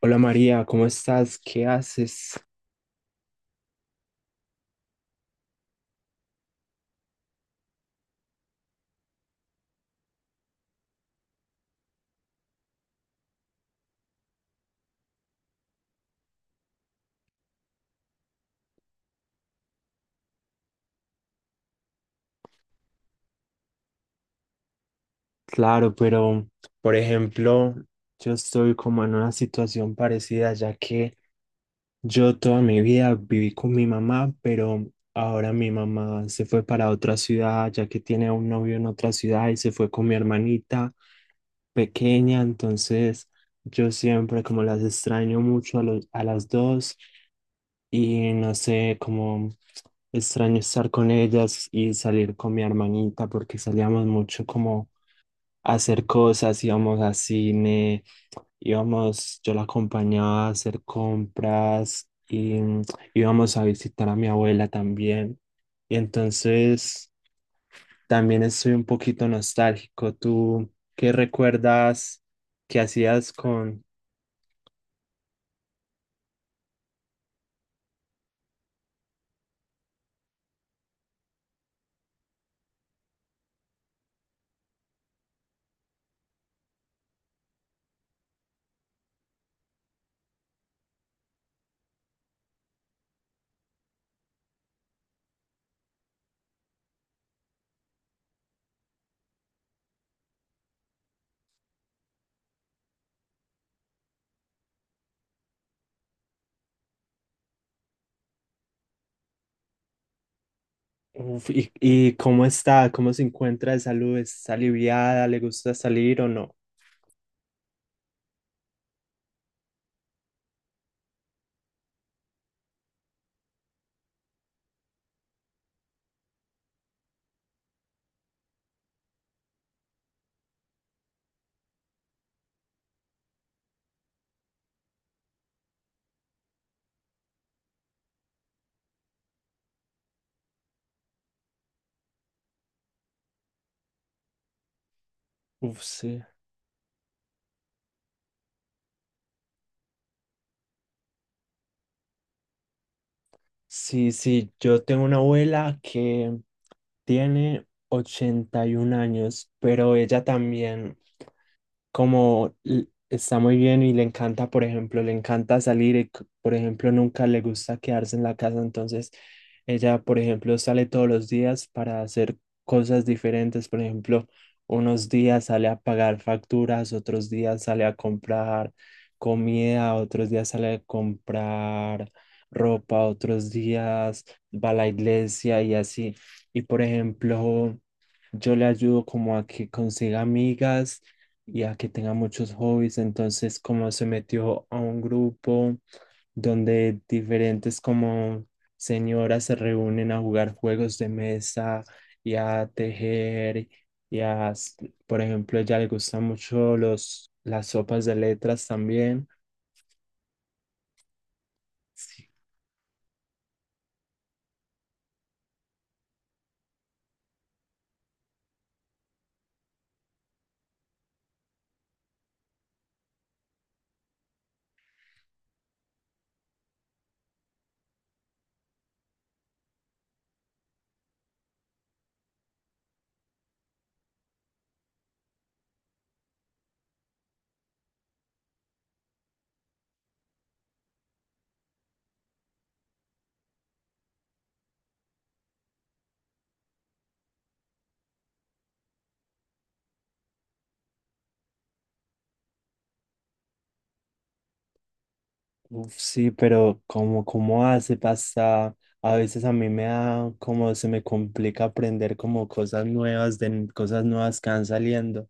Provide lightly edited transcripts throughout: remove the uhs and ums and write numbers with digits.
Hola María, ¿cómo estás? ¿Qué haces? Claro, pero por ejemplo, yo estoy como en una situación parecida, ya que yo toda mi vida viví con mi mamá, pero ahora mi mamá se fue para otra ciudad, ya que tiene un novio en otra ciudad y se fue con mi hermanita pequeña. Entonces yo siempre como las extraño mucho a a las dos, y no sé, como extraño estar con ellas y salir con mi hermanita porque salíamos mucho como a hacer cosas. Íbamos a cine, íbamos, yo la acompañaba a hacer compras y íbamos a visitar a mi abuela también. Y entonces también estoy un poquito nostálgico. ¿Tú qué recuerdas que hacías con... Uf, y cómo está? ¿Cómo se encuentra de salud? ¿Está aliviada? ¿Le gusta salir o no? Uf, sí. Sí, sí, yo tengo una abuela que tiene 81 años, pero ella también como está muy bien y le encanta. Por ejemplo, le encanta salir y, por ejemplo, nunca le gusta quedarse en la casa. Entonces ella, por ejemplo, sale todos los días para hacer cosas diferentes. Por ejemplo, unos días sale a pagar facturas, otros días sale a comprar comida, otros días sale a comprar ropa, otros días va a la iglesia y así. Y por ejemplo, yo le ayudo como a que consiga amigas y a que tenga muchos hobbies. Entonces, como se metió a un grupo donde diferentes como señoras se reúnen a jugar juegos de mesa y a tejer y a, por ejemplo, ella le gustan mucho las sopas de letras también. Uf, sí, pero como, cómo hace pasa, a veces a mí me da como se me complica aprender como cosas nuevas de cosas nuevas que van saliendo.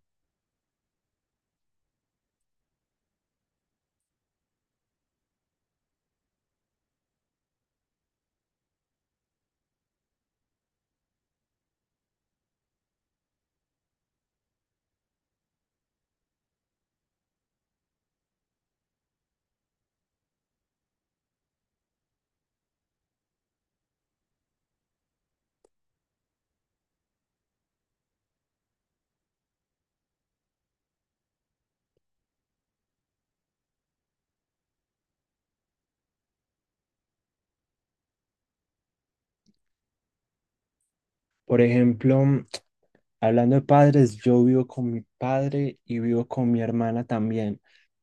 Por ejemplo, hablando de padres, yo vivo con mi padre y vivo con mi hermana también,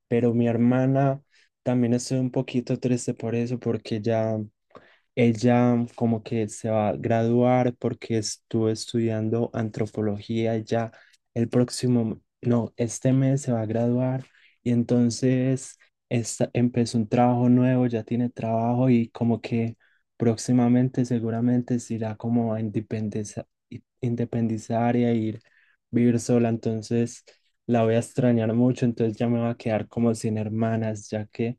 pero mi hermana, también estoy un poquito triste por eso, porque ya ella como que se va a graduar porque estuvo estudiando antropología y ya el próximo, no, este mes se va a graduar. Y entonces empezó un trabajo nuevo, ya tiene trabajo y como que próximamente seguramente se irá como a independizar y a ir vivir sola. Entonces la voy a extrañar mucho. Entonces ya me va a quedar como sin hermanas,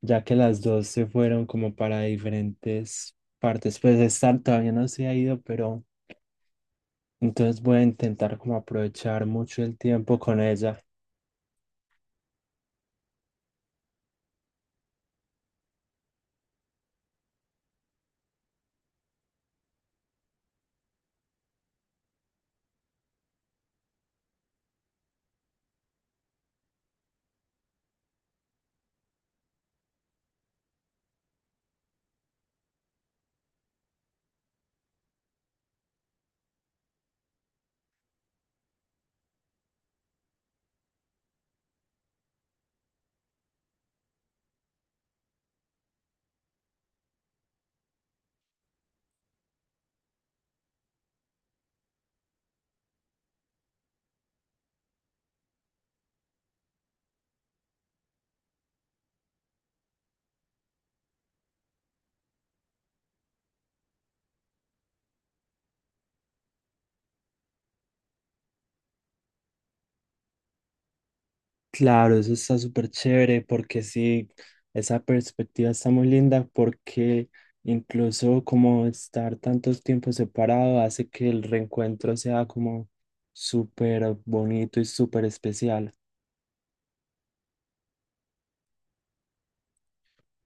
ya que las dos se fueron como para diferentes partes, pues estar todavía no se ha ido, pero entonces voy a intentar como aprovechar mucho el tiempo con ella. Claro, eso está súper chévere porque sí, esa perspectiva está muy linda porque incluso como estar tantos tiempos separado hace que el reencuentro sea como súper bonito y súper especial.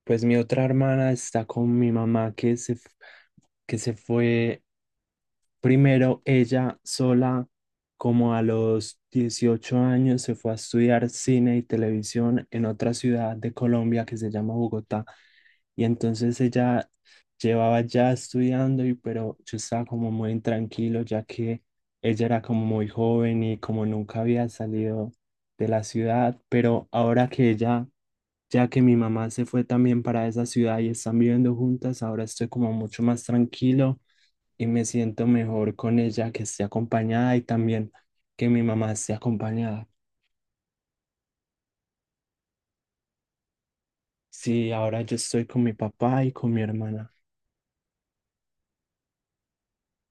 Pues mi otra hermana está con mi mamá que se, que se fue. Primero, ella sola, como a los 18 años, se fue a estudiar cine y televisión en otra ciudad de Colombia que se llama Bogotá. Y entonces ella llevaba ya estudiando, y, pero yo estaba como muy intranquilo, ya que ella era como muy joven y como nunca había salido de la ciudad. Pero ahora que ella, ya que mi mamá se fue también para esa ciudad y están viviendo juntas, ahora estoy como mucho más tranquilo y me siento mejor con ella que esté acompañada y también que mi mamá esté acompañada. Sí, ahora yo estoy con mi papá y con mi hermana.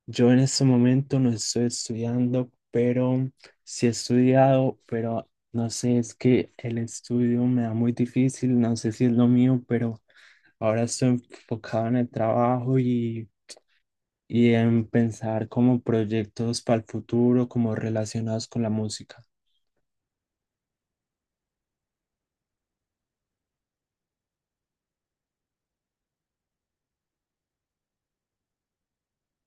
Yo en este momento no estoy estudiando, pero sí he estudiado, pero no sé, es que el estudio me da muy difícil, no sé si es lo mío, pero ahora estoy enfocado en el trabajo y en pensar como proyectos para el futuro, como relacionados con la música.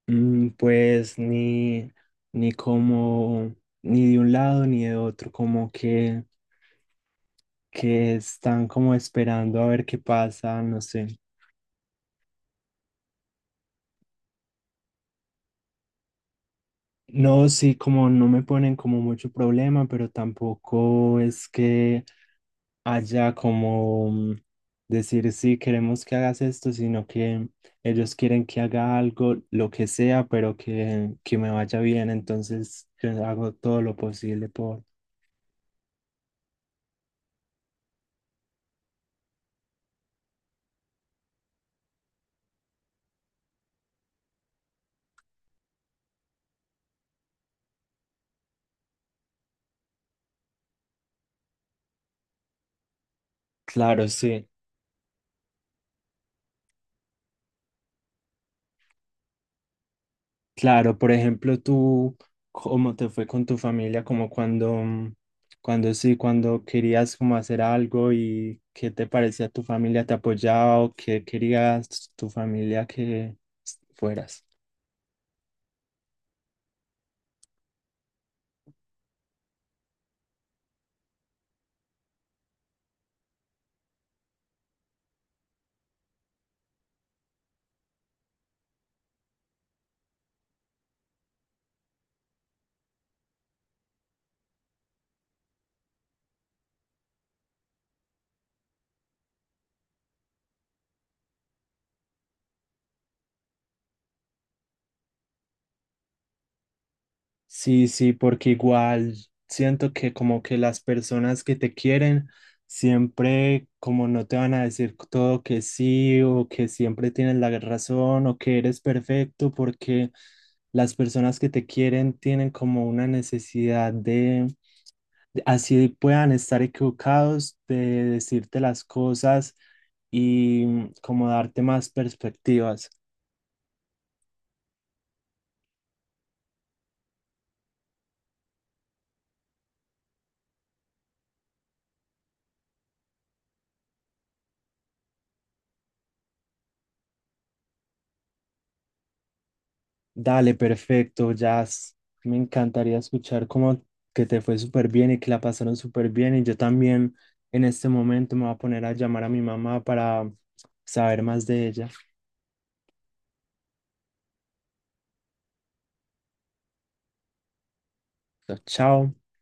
Pues ni, ni como, ni de un lado ni de otro, como que están como esperando a ver qué pasa, no sé. No, sí, como no me ponen como mucho problema, pero tampoco es que haya como decir sí, queremos que hagas esto, sino que ellos quieren que haga algo, lo que sea, pero que me vaya bien, entonces yo hago todo lo posible por... Claro, sí. Claro, por ejemplo, tú, ¿cómo te fue con tu familia? Como cuando, cuando sí, cuando querías como hacer algo y qué te parecía tu familia, te apoyaba o qué querías tu familia que fueras. Sí, sí, porque igual siento que como que las personas que te quieren siempre como no te van a decir todo que sí o que siempre tienes la razón o que eres perfecto porque las personas que te quieren tienen como una necesidad de, así puedan estar equivocados, de decirte las cosas y como darte más perspectivas. Dale, perfecto, Jazz. Me encantaría escuchar cómo que te fue súper bien y que la pasaron súper bien. Y yo también en este momento me voy a poner a llamar a mi mamá para saber más de ella. Chao.